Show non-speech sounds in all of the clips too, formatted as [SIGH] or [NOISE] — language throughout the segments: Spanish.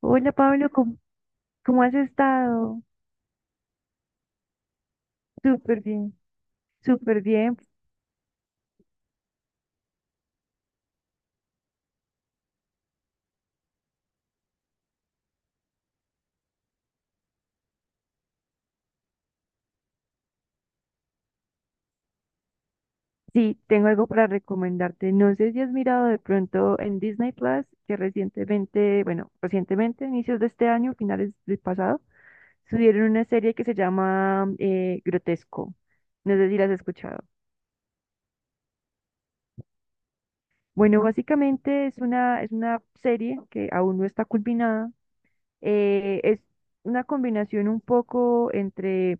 Hola Pablo, ¿cómo has estado? Súper bien, súper bien. Sí, tengo algo para recomendarte. No sé si has mirado de pronto en Disney Plus, que recientemente, bueno, recientemente, inicios de este año, finales del pasado, subieron una serie que se llama Grotesco. No sé si la has escuchado. Bueno, básicamente es una serie que aún no está culminada. Es una combinación un poco entre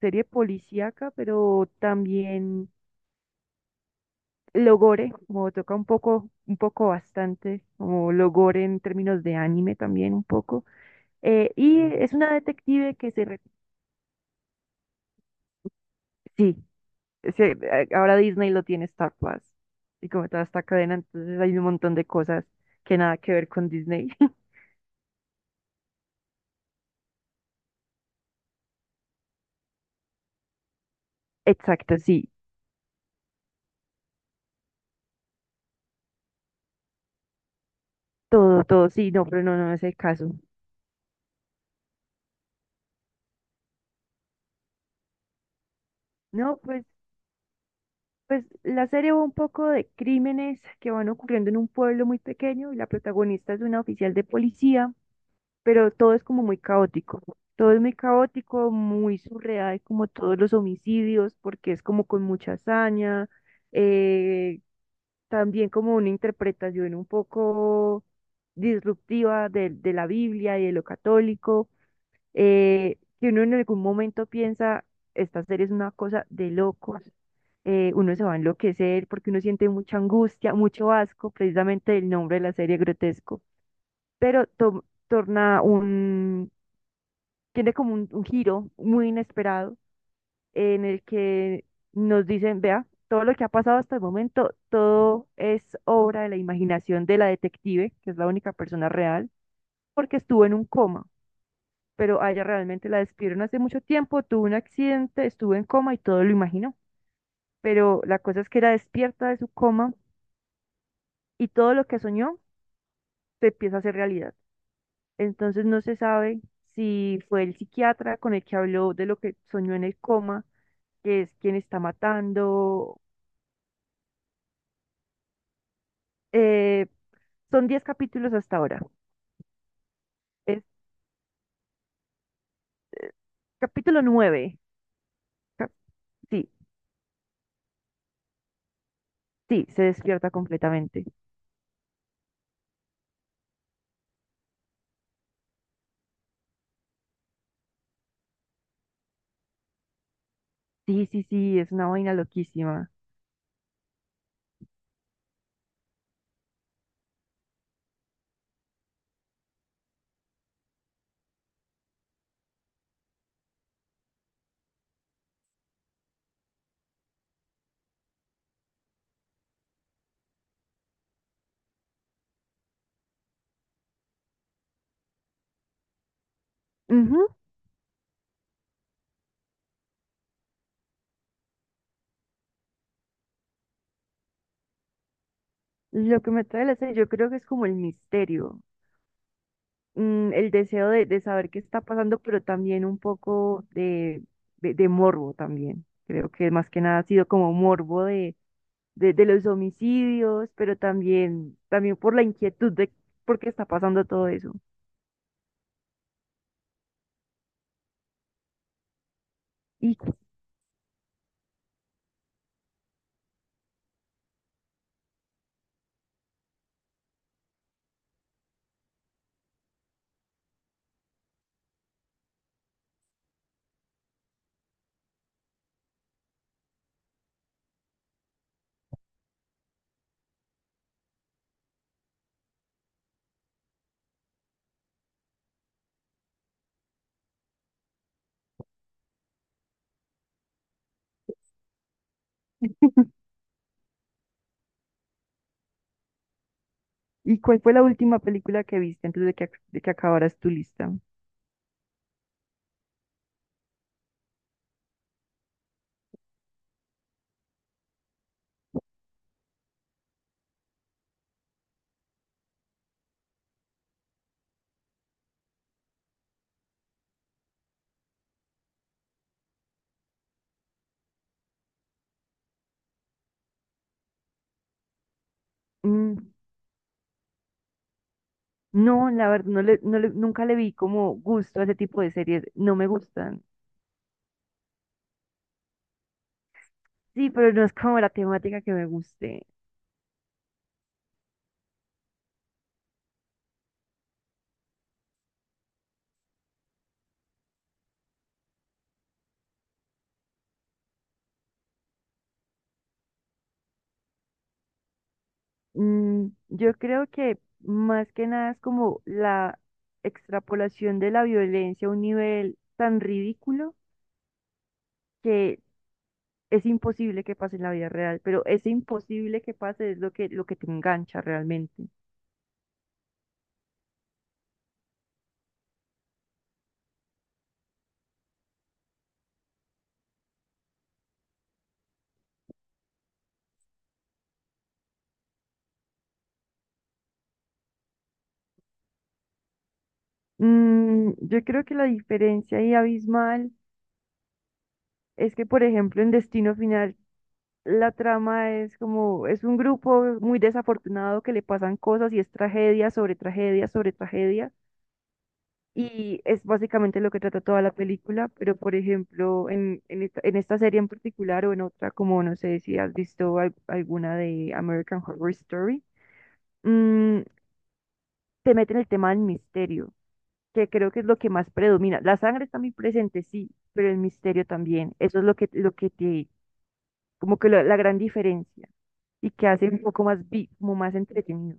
serie policíaca, pero también Logore, como toca un poco bastante, como Logore en términos de anime también un poco. Y es una detective que sí, ahora Disney lo tiene Star Plus y como toda esta cadena, entonces hay un montón de cosas que nada que ver con Disney. [LAUGHS] Exacto, sí, todo, todo, sí, no, pero no, no es el caso. No, pues la serie va un poco de crímenes que van ocurriendo en un pueblo muy pequeño y la protagonista es una oficial de policía, pero todo es como muy caótico. Todo es muy caótico, muy surreal, como todos los homicidios, porque es como con mucha hazaña, eh, también como una interpretación un poco disruptiva de la Biblia y de lo católico, que uno en algún momento piensa, esta serie es una cosa de locos, uno se va a enloquecer porque uno siente mucha angustia, mucho asco, precisamente el nombre de la serie grotesco, pero torna un tiene como un giro muy inesperado en el que nos dicen, vea, todo lo que ha pasado hasta el momento, todo es obra de la imaginación de la detective, que es la única persona real, porque estuvo en un coma, pero a ella realmente la despidieron hace mucho tiempo, tuvo un accidente, estuvo en coma y todo lo imaginó. Pero la cosa es que era despierta de su coma y todo lo que soñó se empieza a hacer realidad. Entonces no se sabe si fue el psiquiatra con el que habló de lo que soñó en el coma que es quien está matando. Eh, Son diez capítulos hasta ahora. Es capítulo 9. Sí, sí, se despierta completamente. Sí, sí, sí, es una vaina loquísima. Ujú. Lo que me trae la serie, yo creo que es como el misterio, mm, el deseo de saber qué está pasando, pero también un poco de morbo también. Creo que más que nada ha sido como morbo de los homicidios, pero también, también por la inquietud de por qué está pasando todo eso. ¿Y, cu- ¿Y cuál fue la última película que viste antes de que, de que acabaras tu lista? Mm, no, la verdad, nunca le vi como gusto a ese tipo de series. No me gustan. Sí, pero no es como la temática que me guste. Mm, yo creo que más que nada es como la extrapolación de la violencia a un nivel tan ridículo que es imposible que pase en la vida real, pero ese imposible que pase es lo que te engancha realmente. Mm, yo creo que la diferencia ahí abismal es que, por ejemplo, en Destino Final la trama es como, es un grupo muy desafortunado que le pasan cosas y es tragedia sobre tragedia sobre tragedia. Y es básicamente lo que trata toda la película, pero por ejemplo, en esta serie en particular o en otra, como no sé si has visto alguna de American Horror Story, mm, te meten el tema del misterio, que creo que es lo que más predomina. La sangre está muy presente, sí, pero el misterio también. Eso es lo que te, como que la gran diferencia. Y que hace un poco más, como más entretenido.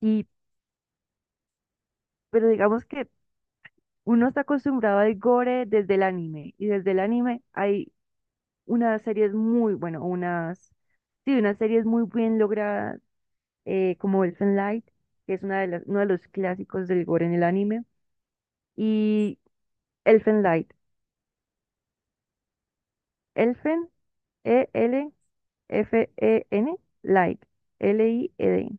Y, pero digamos que uno está acostumbrado al gore desde el anime, y desde el anime hay unas series muy, bueno, unas, sí, unas series muy bien logradas, como Elfen Light, que es una de las, uno de los clásicos del gore en el anime, y Elfen Light, Elfen, E-L-F-E-N, Light, L-I-E-D.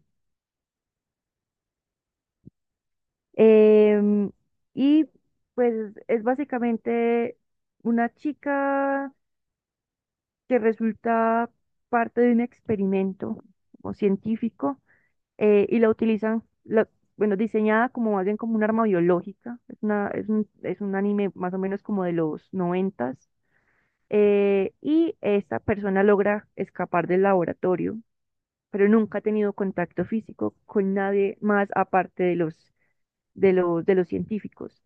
Em, y pues es básicamente una chica que resulta parte de un experimento como científico, y la utilizan, bueno, diseñada como alguien como un arma biológica. Es un anime más o menos como de los noventas. Eh, y esta persona logra escapar del laboratorio, pero nunca ha tenido contacto físico con nadie más aparte de los científicos.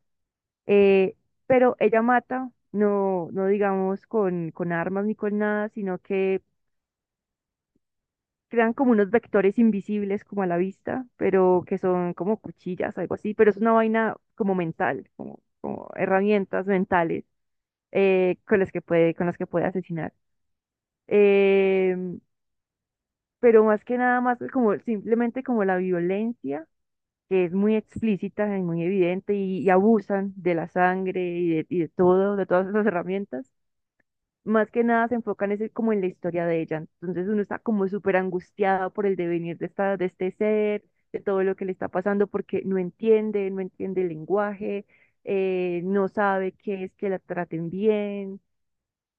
Eh, pero ella mata, no, no digamos con armas ni con nada, sino que crean como unos vectores invisibles como a la vista, pero que son como cuchillas, algo así, pero es una vaina como mental, como, como herramientas mentales, con las que puede, con las que puede asesinar. Em, pero más que nada más como simplemente como la violencia, que es muy explícita y muy evidente, y abusan de la sangre y de todo, de todas esas herramientas más que nada se enfocan es como en la historia de ella. Entonces uno está como súper angustiado por el devenir de esta, de este ser, de todo lo que le está pasando, porque no entiende, no entiende el lenguaje, no sabe qué es que la traten bien.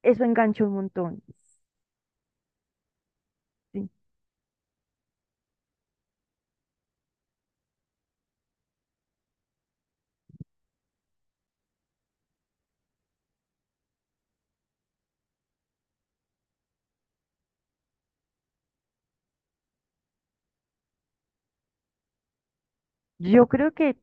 Eso engancha un montón. Sí. Yo creo que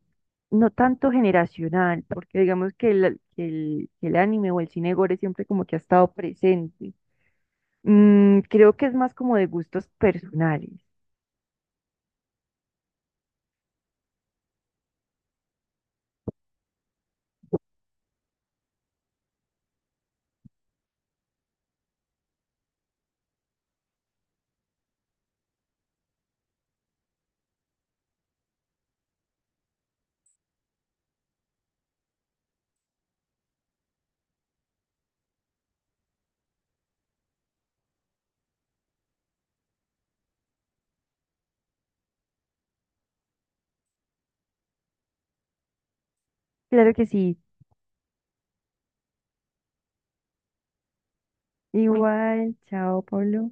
no tanto generacional, porque digamos que el anime o el cine gore siempre como que ha estado presente. Mm, creo que es más como de gustos personales. Claro que sí. Igual, chao, Pablo.